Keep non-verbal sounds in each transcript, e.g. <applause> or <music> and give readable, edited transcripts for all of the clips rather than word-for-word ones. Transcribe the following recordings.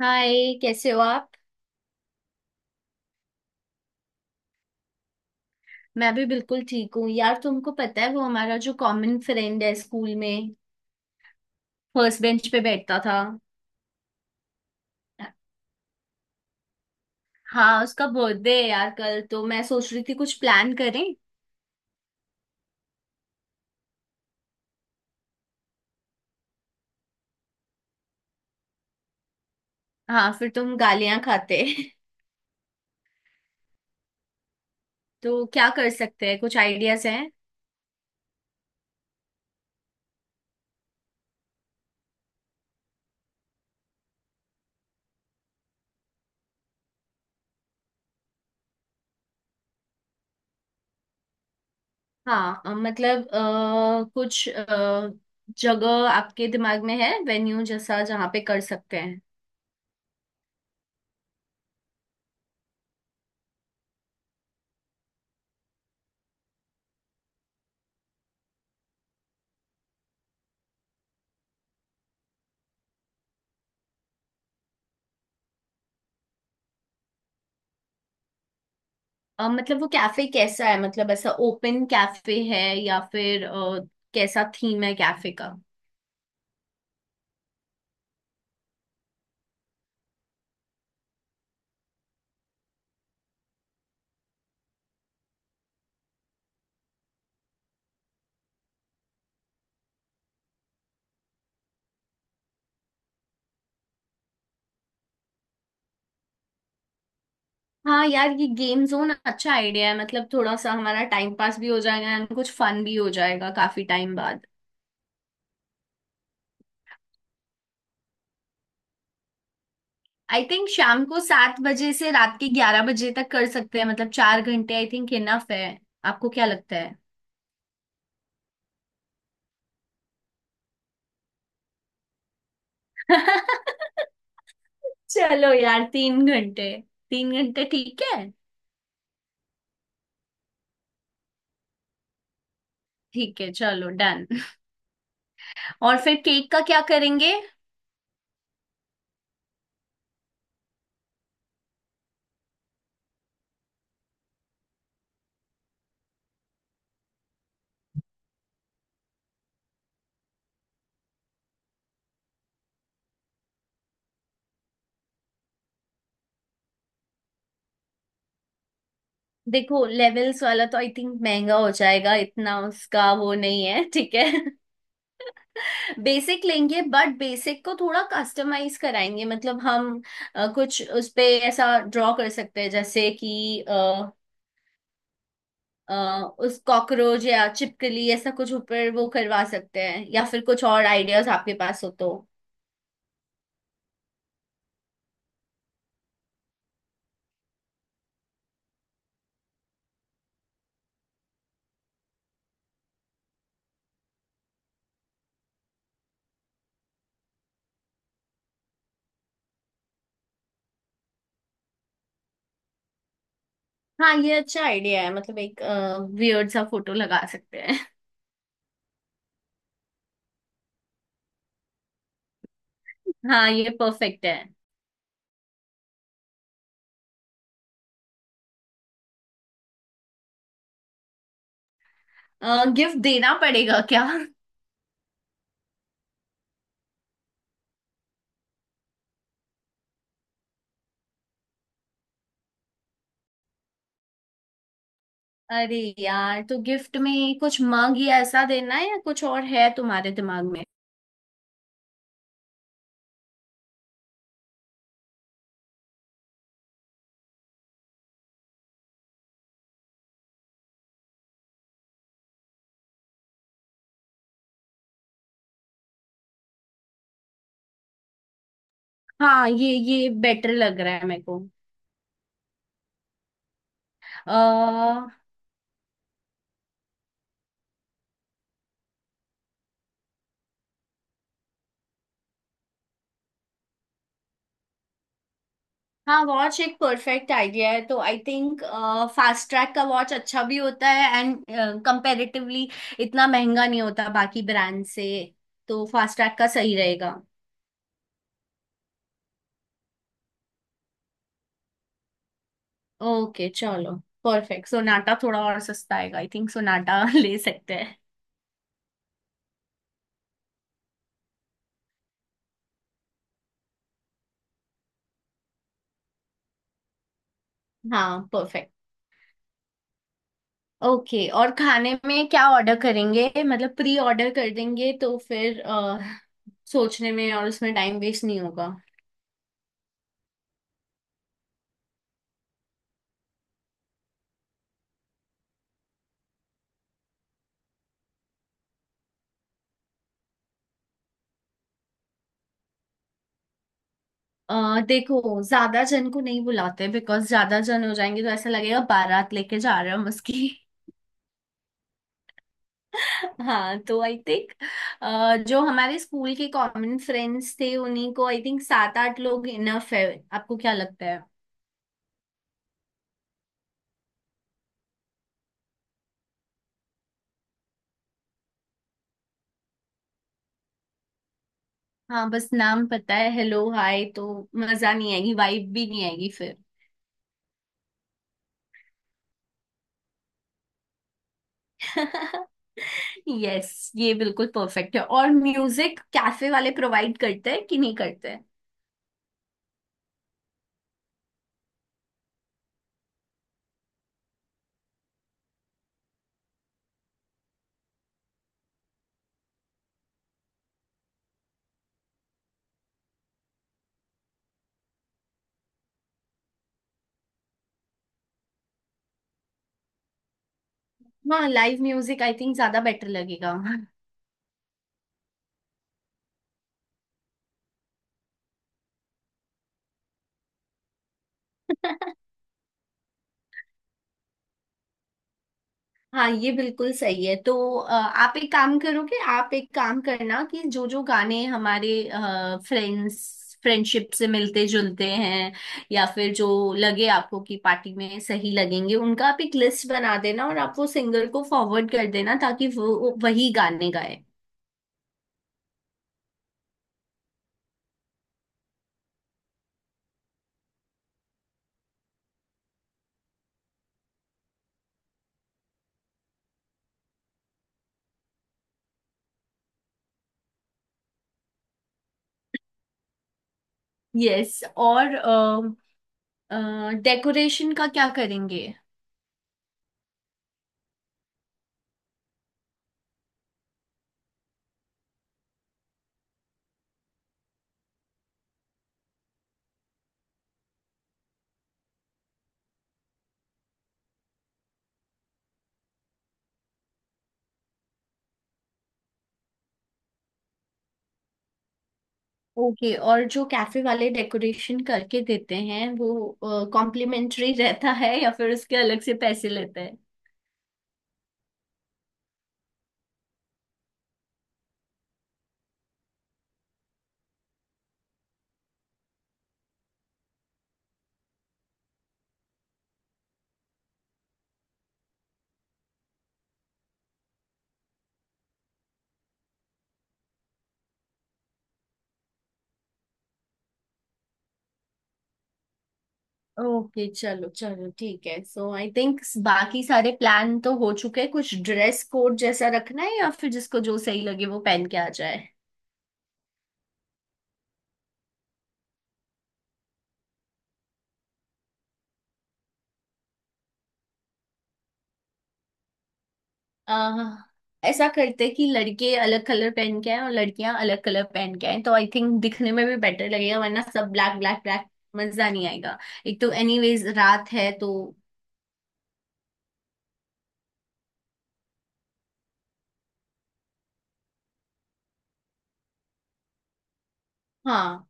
हाय। कैसे हो आप। मैं भी बिल्कुल ठीक हूँ यार। तुमको पता है वो हमारा जो कॉमन फ्रेंड है स्कूल में, फर्स्ट बेंच पे बैठता था। हाँ, उसका बर्थडे है यार कल, तो मैं सोच रही थी कुछ प्लान करें। हाँ, फिर तुम गालियां खाते <laughs> तो क्या कर सकते हैं, कुछ आइडियाज हैं? हाँ, मतलब, कुछ जगह आपके दिमाग में है, वेन्यू जैसा जहाँ पे कर सकते हैं? मतलब वो कैफे कैसा है? मतलब ऐसा ओपन कैफे है या फिर कैसा थीम है कैफे का? हाँ यार, ये गेम जोन अच्छा आइडिया है। मतलब थोड़ा सा हमारा टाइम पास भी हो जाएगा एंड कुछ फन भी हो जाएगा, काफी टाइम बाद। आई थिंक शाम को 7 बजे से रात के 11 बजे तक कर सकते हैं। मतलब 4 घंटे आई थिंक इनफ है। आपको क्या लगता है? <laughs> चलो यार, 3 घंटे। 3 घंटे ठीक है। ठीक है चलो, डन। और फिर केक का क्या करेंगे? देखो, लेवल्स वाला तो आई थिंक महंगा हो जाएगा। इतना उसका वो नहीं है, ठीक है? <laughs> बेसिक लेंगे, बट बेसिक को थोड़ा कस्टमाइज कराएंगे। मतलब हम कुछ उस पे ऐसा ड्रॉ कर सकते हैं, जैसे कि अ, उस कॉकरोच या छिपकली, ऐसा कुछ ऊपर वो करवा सकते हैं। या फिर कुछ और आइडियाज आपके पास हो तो? हाँ ये अच्छा आइडिया है। मतलब एक वियर्ड सा फोटो लगा सकते हैं। <laughs> हाँ ये परफेक्ट है। गिफ्ट देना पड़ेगा क्या? अरे यार, तो गिफ्ट में कुछ मग या ऐसा देना है, या कुछ और है तुम्हारे दिमाग में? हाँ, ये बेटर लग रहा है मेरे को। अह हाँ, वॉच एक परफेक्ट आइडिया है। तो आई थिंक फास्ट ट्रैक का वॉच अच्छा भी होता है एंड कंपैरेटिवली इतना महंगा नहीं होता बाकी ब्रांड से। तो फास्ट ट्रैक का सही रहेगा। ओके चलो, परफेक्ट। सोनाटा थोड़ा और सस्ता आएगा आई थिंक, सोनाटा <laughs> ले सकते हैं। हाँ परफेक्ट। ओके, और खाने में क्या ऑर्डर करेंगे? मतलब प्री ऑर्डर कर देंगे तो फिर सोचने में और उसमें टाइम वेस्ट नहीं होगा। देखो ज्यादा जन को नहीं बुलाते, बिकॉज ज्यादा जन हो जाएंगे तो ऐसा लगेगा बारात लेके जा रहे हम उसकी। <laughs> हाँ तो आई थिंक जो हमारे स्कूल के कॉमन फ्रेंड्स थे उन्हीं को, आई थिंक 7 8 लोग इनफ है। आपको क्या लगता है? हाँ, बस नाम पता है, हेलो हाय, तो मजा नहीं आएगी, वाइब भी नहीं आएगी फिर। यस, ये बिल्कुल परफेक्ट है। और म्यूजिक कैफे वाले प्रोवाइड करते हैं कि नहीं करते हैं? हाँ लाइव म्यूजिक आई थिंक ज्यादा बेटर लगेगा। हाँ ये बिल्कुल सही है। तो आप एक काम करोगे, आप एक काम करना कि जो जो गाने हमारे फ्रेंड्स, फ्रेंडशिप से मिलते जुलते हैं, या फिर जो लगे आपको कि पार्टी में सही लगेंगे, उनका आप एक लिस्ट बना देना और आप वो सिंगर को फॉरवर्ड कर देना ताकि वो वही गाने गाए। यस, और डेकोरेशन का क्या करेंगे? ओके, और जो कैफे वाले डेकोरेशन करके देते हैं वो कॉम्प्लीमेंट्री रहता है या फिर उसके अलग से पैसे लेते हैं? ओके चलो, ठीक है। सो आई थिंक बाकी सारे प्लान तो हो चुके हैं। कुछ ड्रेस कोड जैसा रखना है या फिर जिसको जो सही लगे वो पहन के आ जाए? आ, ऐसा करते कि लड़के अलग कलर पहन के आए और लड़कियां अलग कलर पहन के आए, तो आई थिंक दिखने में भी बेटर लगेगा। वरना सब ब्लैक ब्लैक ब्लैक, मजा नहीं आएगा। एक तो एनीवेज रात है तो। हाँ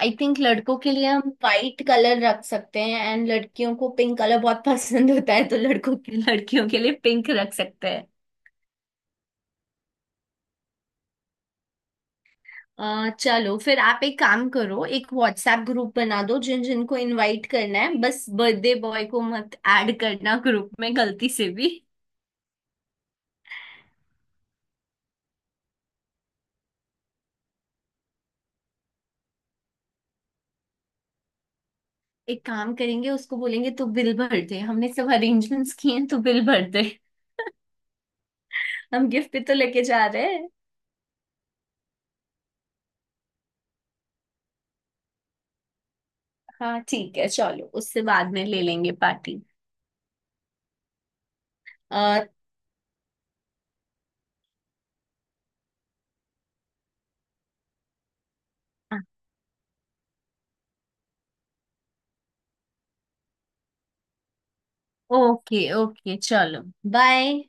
आई थिंक लड़कों के लिए हम वाइट कलर रख सकते हैं एंड लड़कियों को पिंक कलर बहुत <laughs> पसंद होता है, तो लड़कों के लड़कियों के लिए पिंक रख सकते। चलो फिर आप एक काम करो, एक व्हाट्सएप ग्रुप बना दो जिन जिनको इनवाइट करना है। बस बर्थडे बॉय को मत ऐड करना ग्रुप में गलती से भी। एक काम करेंगे, उसको बोलेंगे तू बिल भर दे, हमने सब अरेंजमेंट्स किए हैं, तू बिल भर दे। हम गिफ्ट भी तो लेके जा रहे हैं। हाँ ठीक है, चलो उससे बाद में ले लेंगे पार्टी। और ओके ओके चलो, बाय।